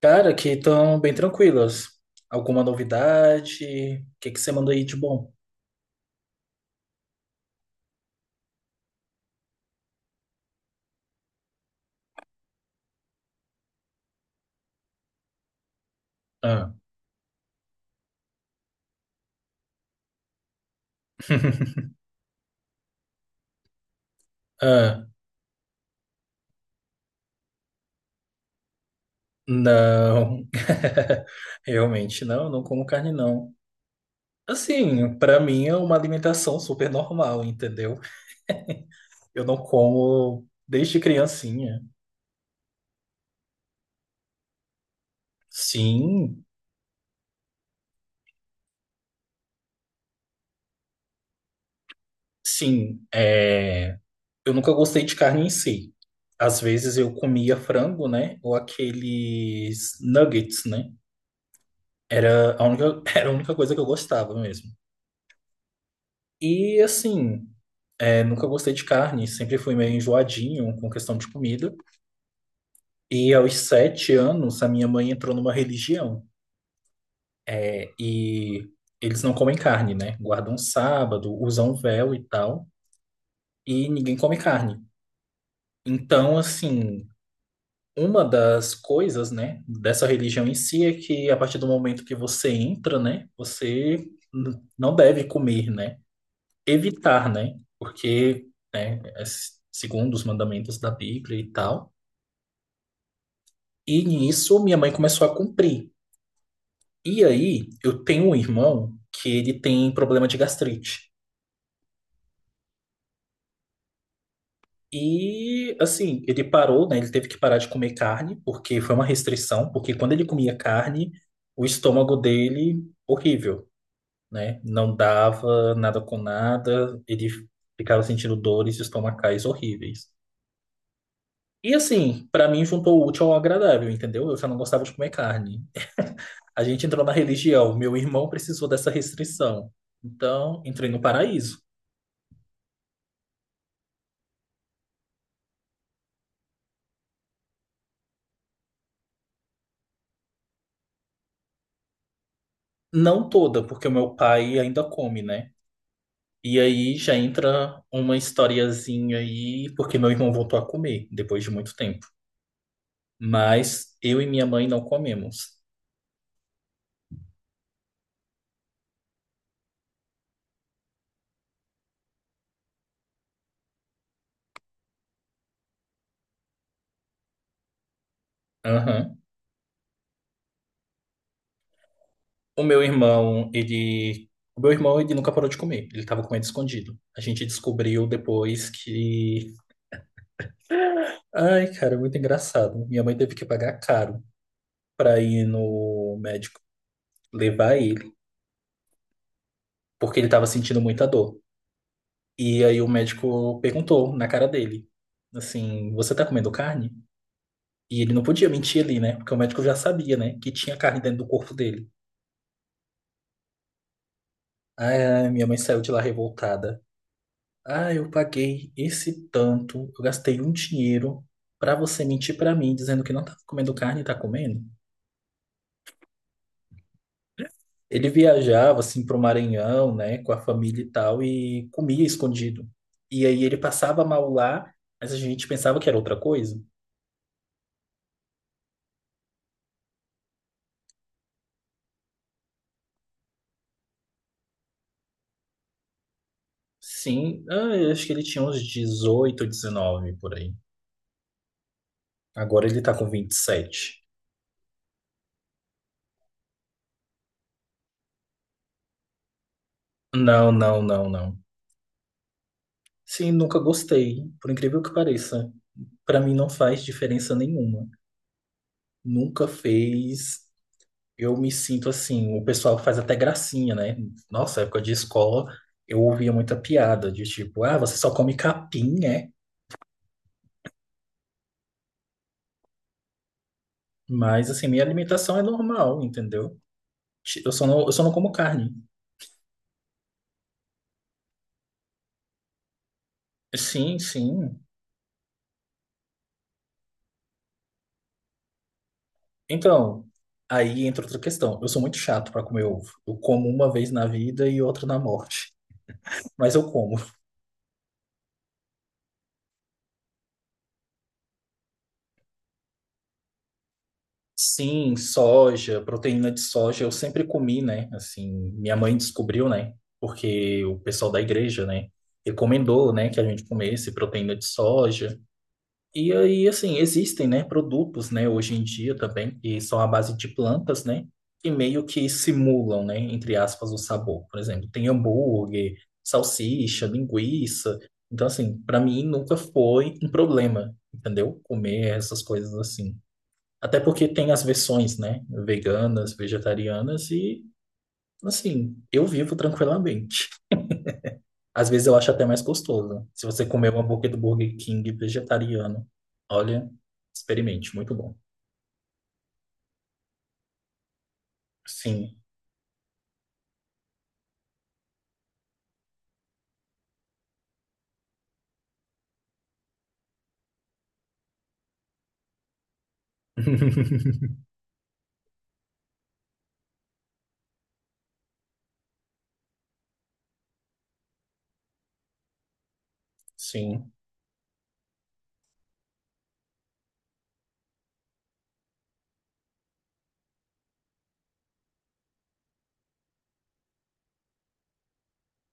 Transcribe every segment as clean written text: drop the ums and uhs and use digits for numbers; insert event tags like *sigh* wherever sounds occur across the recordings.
Cara, aqui estão bem tranquilas. Alguma novidade? O que que você mandou aí de bom? Ah, ah, não. *laughs* Realmente não, não como carne não. Assim, pra mim é uma alimentação super normal, entendeu? Eu não como desde criancinha. Sim, sim. Eu nunca gostei de carne em si. Às vezes eu comia frango, né? Ou aqueles nuggets, né? Era a única, *laughs* era a única coisa que eu gostava mesmo. E assim, nunca gostei de carne, sempre fui meio enjoadinho com questão de comida. E aos 7 anos, a minha mãe entrou numa religião. É, e eles não comem carne, né? Guardam sábado, usam véu e tal, e ninguém come carne. Então, assim, uma das coisas, né, dessa religião em si é que a partir do momento que você entra, né, você não deve comer, né? Evitar, né? Porque, né, é segundo os mandamentos da Bíblia e tal. E nisso minha mãe começou a cumprir. E aí eu tenho um irmão que ele tem problema de gastrite. E assim, ele parou, né? Ele teve que parar de comer carne, porque foi uma restrição, porque quando ele comia carne, o estômago dele, horrível, né? Não dava nada com nada, ele ficava sentindo dores estomacais horríveis. E assim, pra mim juntou o útil ao agradável, entendeu? Eu já não gostava de comer carne. A gente entrou na religião, meu irmão precisou dessa restrição. Então, entrei no paraíso. Não toda, porque o meu pai ainda come, né? E aí já entra uma historiazinha aí, porque meu irmão voltou a comer depois de muito tempo. Mas eu e minha mãe não comemos. Aham. O meu irmão, ele. O meu irmão, ele nunca parou de comer. Ele tava comendo escondido. A gente descobriu depois que Ai, cara, muito engraçado. Minha mãe teve que pagar caro pra ir no médico levar ele, porque ele tava sentindo muita dor. E aí o médico perguntou na cara dele, assim, você tá comendo carne? E ele não podia mentir ali, né? Porque o médico já sabia, né, que tinha carne dentro do corpo dele. Ai, minha mãe saiu de lá revoltada. Ah, eu paguei esse tanto, eu gastei um dinheiro pra você mentir pra mim dizendo que não tava comendo carne e tá comendo. Ele viajava assim para o Maranhão, né, com a família e tal, e comia escondido. E aí ele passava mal lá, mas a gente pensava que era outra coisa. Sim, ah, eu acho que ele tinha uns 18, 19 por aí. Agora ele tá com 27. Não, não, não, não. Sim, nunca gostei, por incrível que pareça. Para mim não faz diferença nenhuma. Nunca fez. Eu me sinto assim, o pessoal faz até gracinha, né? Nossa, época de escola, eu ouvia muita piada de tipo, ah, você só come capim, né? Mas assim, minha alimentação é normal, entendeu? Eu só não como carne. Sim, sim. Então, aí entra outra questão. Eu sou muito chato para comer ovo. Eu como uma vez na vida e outra na morte. Mas eu como. Sim, soja, proteína de soja, eu sempre comi, né? Assim, minha mãe descobriu, né? Porque o pessoal da igreja, né, recomendou, né, que a gente comesse proteína de soja. E aí, assim, existem, né, produtos, né, hoje em dia também, que são à base de plantas, né, que meio que simulam, né, entre aspas, o sabor. Por exemplo, tem hambúrguer, salsicha, linguiça. Então, assim, para mim nunca foi um problema, entendeu? Comer essas coisas assim. Até porque tem as versões, né? Veganas, vegetarianas e, assim, eu vivo tranquilamente. Às vezes eu acho até mais gostoso. Se você comer um hambúrguer do Burger King vegetariano, olha, experimente, muito bom. Sim. *laughs* Sim.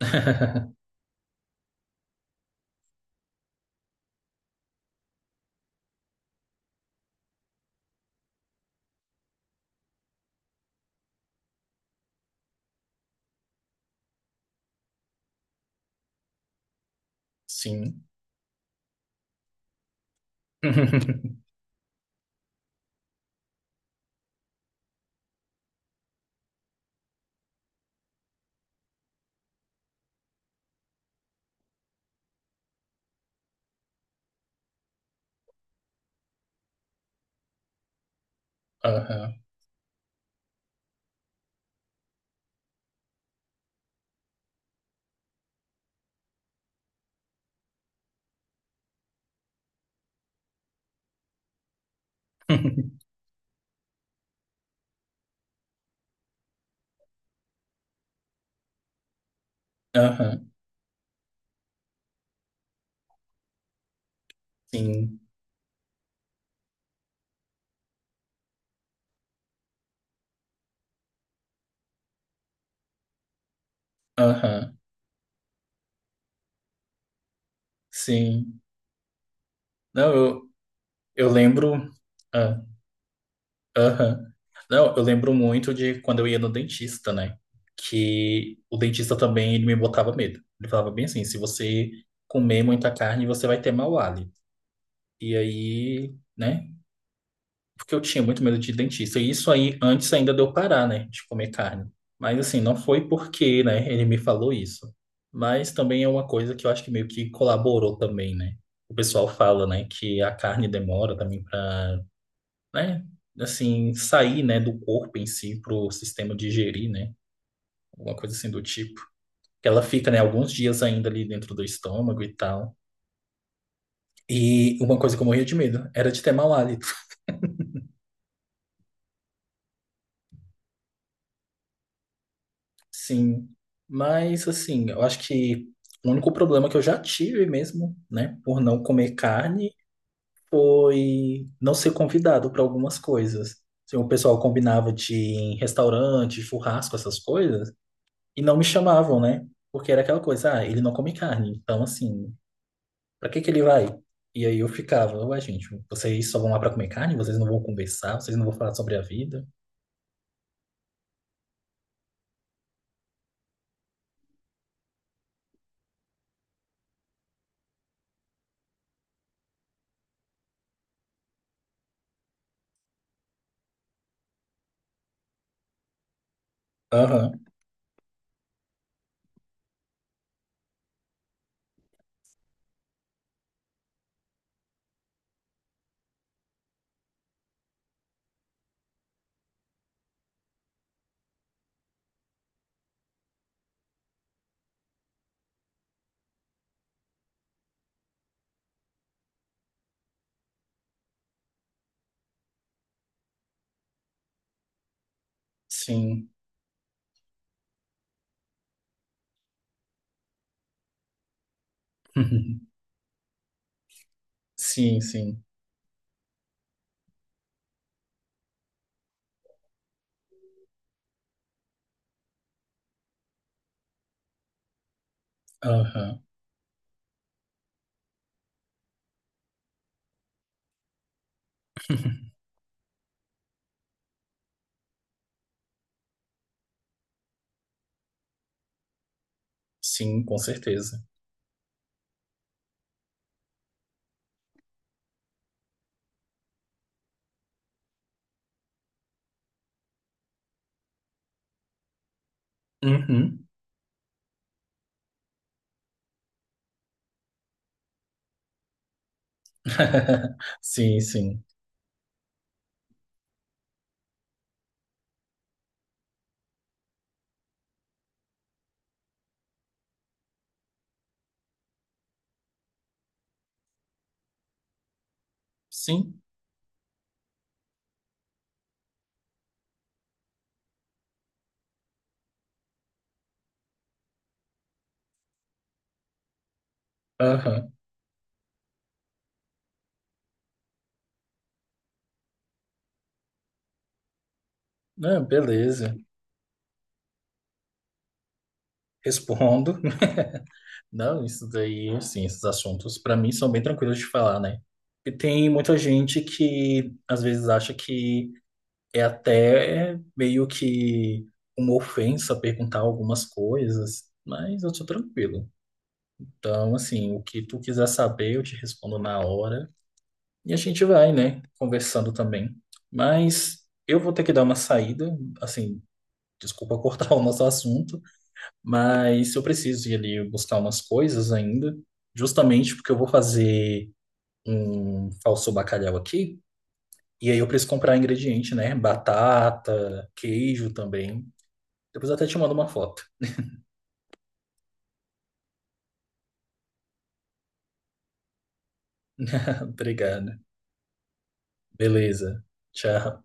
*laughs* Sim. *laughs* Aham. *laughs* Aham. Sim. Aham. Sim. Não, eu lembro. Ah, aham. Não, eu lembro muito de quando eu ia no dentista, né? Que o dentista também ele me botava medo. Ele falava bem assim, se você comer muita carne, você vai ter mau hálito. E aí, né? Porque eu tinha muito medo de dentista. E isso aí, antes ainda de eu parar, né? De comer carne. Mas assim, não foi porque, né? Ele me falou isso. Mas também é uma coisa que eu acho que meio que colaborou também, né? O pessoal fala, né? Que a carne demora também para né? Assim, sair, né, do corpo em si para o sistema digerir, né? Alguma coisa assim do tipo. Que ela fica, né, alguns dias ainda ali dentro do estômago e tal. E uma coisa que eu morria de medo era de ter mau hálito. Sim. Mas, assim, eu acho que o único problema que eu já tive mesmo, né, por não comer carne, foi não ser convidado para algumas coisas. Assim, o pessoal combinava de ir em restaurante, churrasco, essas coisas. E não me chamavam, né? Porque era aquela coisa, ah, ele não come carne, então assim, pra que que ele vai? E aí eu ficava, ué, gente, vocês só vão lá pra comer carne? Vocês não vão conversar? Vocês não vão falar sobre a vida? Aham, sim. *laughs* Sim, sim. Aham, sim, com certeza. Uhum. *laughs* Sim, sim. Sim, aham. Ah, beleza. Respondo. Não, isso daí, assim, esses assuntos para mim são bem tranquilos de falar, né? E tem muita gente que às vezes acha que é até meio que uma ofensa perguntar algumas coisas, mas eu sou tranquilo. Então, assim, o que tu quiser saber, eu te respondo na hora e a gente vai, né, conversando também. Mas eu vou ter que dar uma saída, assim, desculpa cortar *laughs* o nosso assunto, mas eu preciso ir ali buscar umas coisas ainda, justamente porque eu vou fazer um falso bacalhau aqui. E aí eu preciso comprar ingrediente, né? Batata, queijo também. Depois eu até te mando uma foto. *laughs* Obrigado. Beleza. Tchau.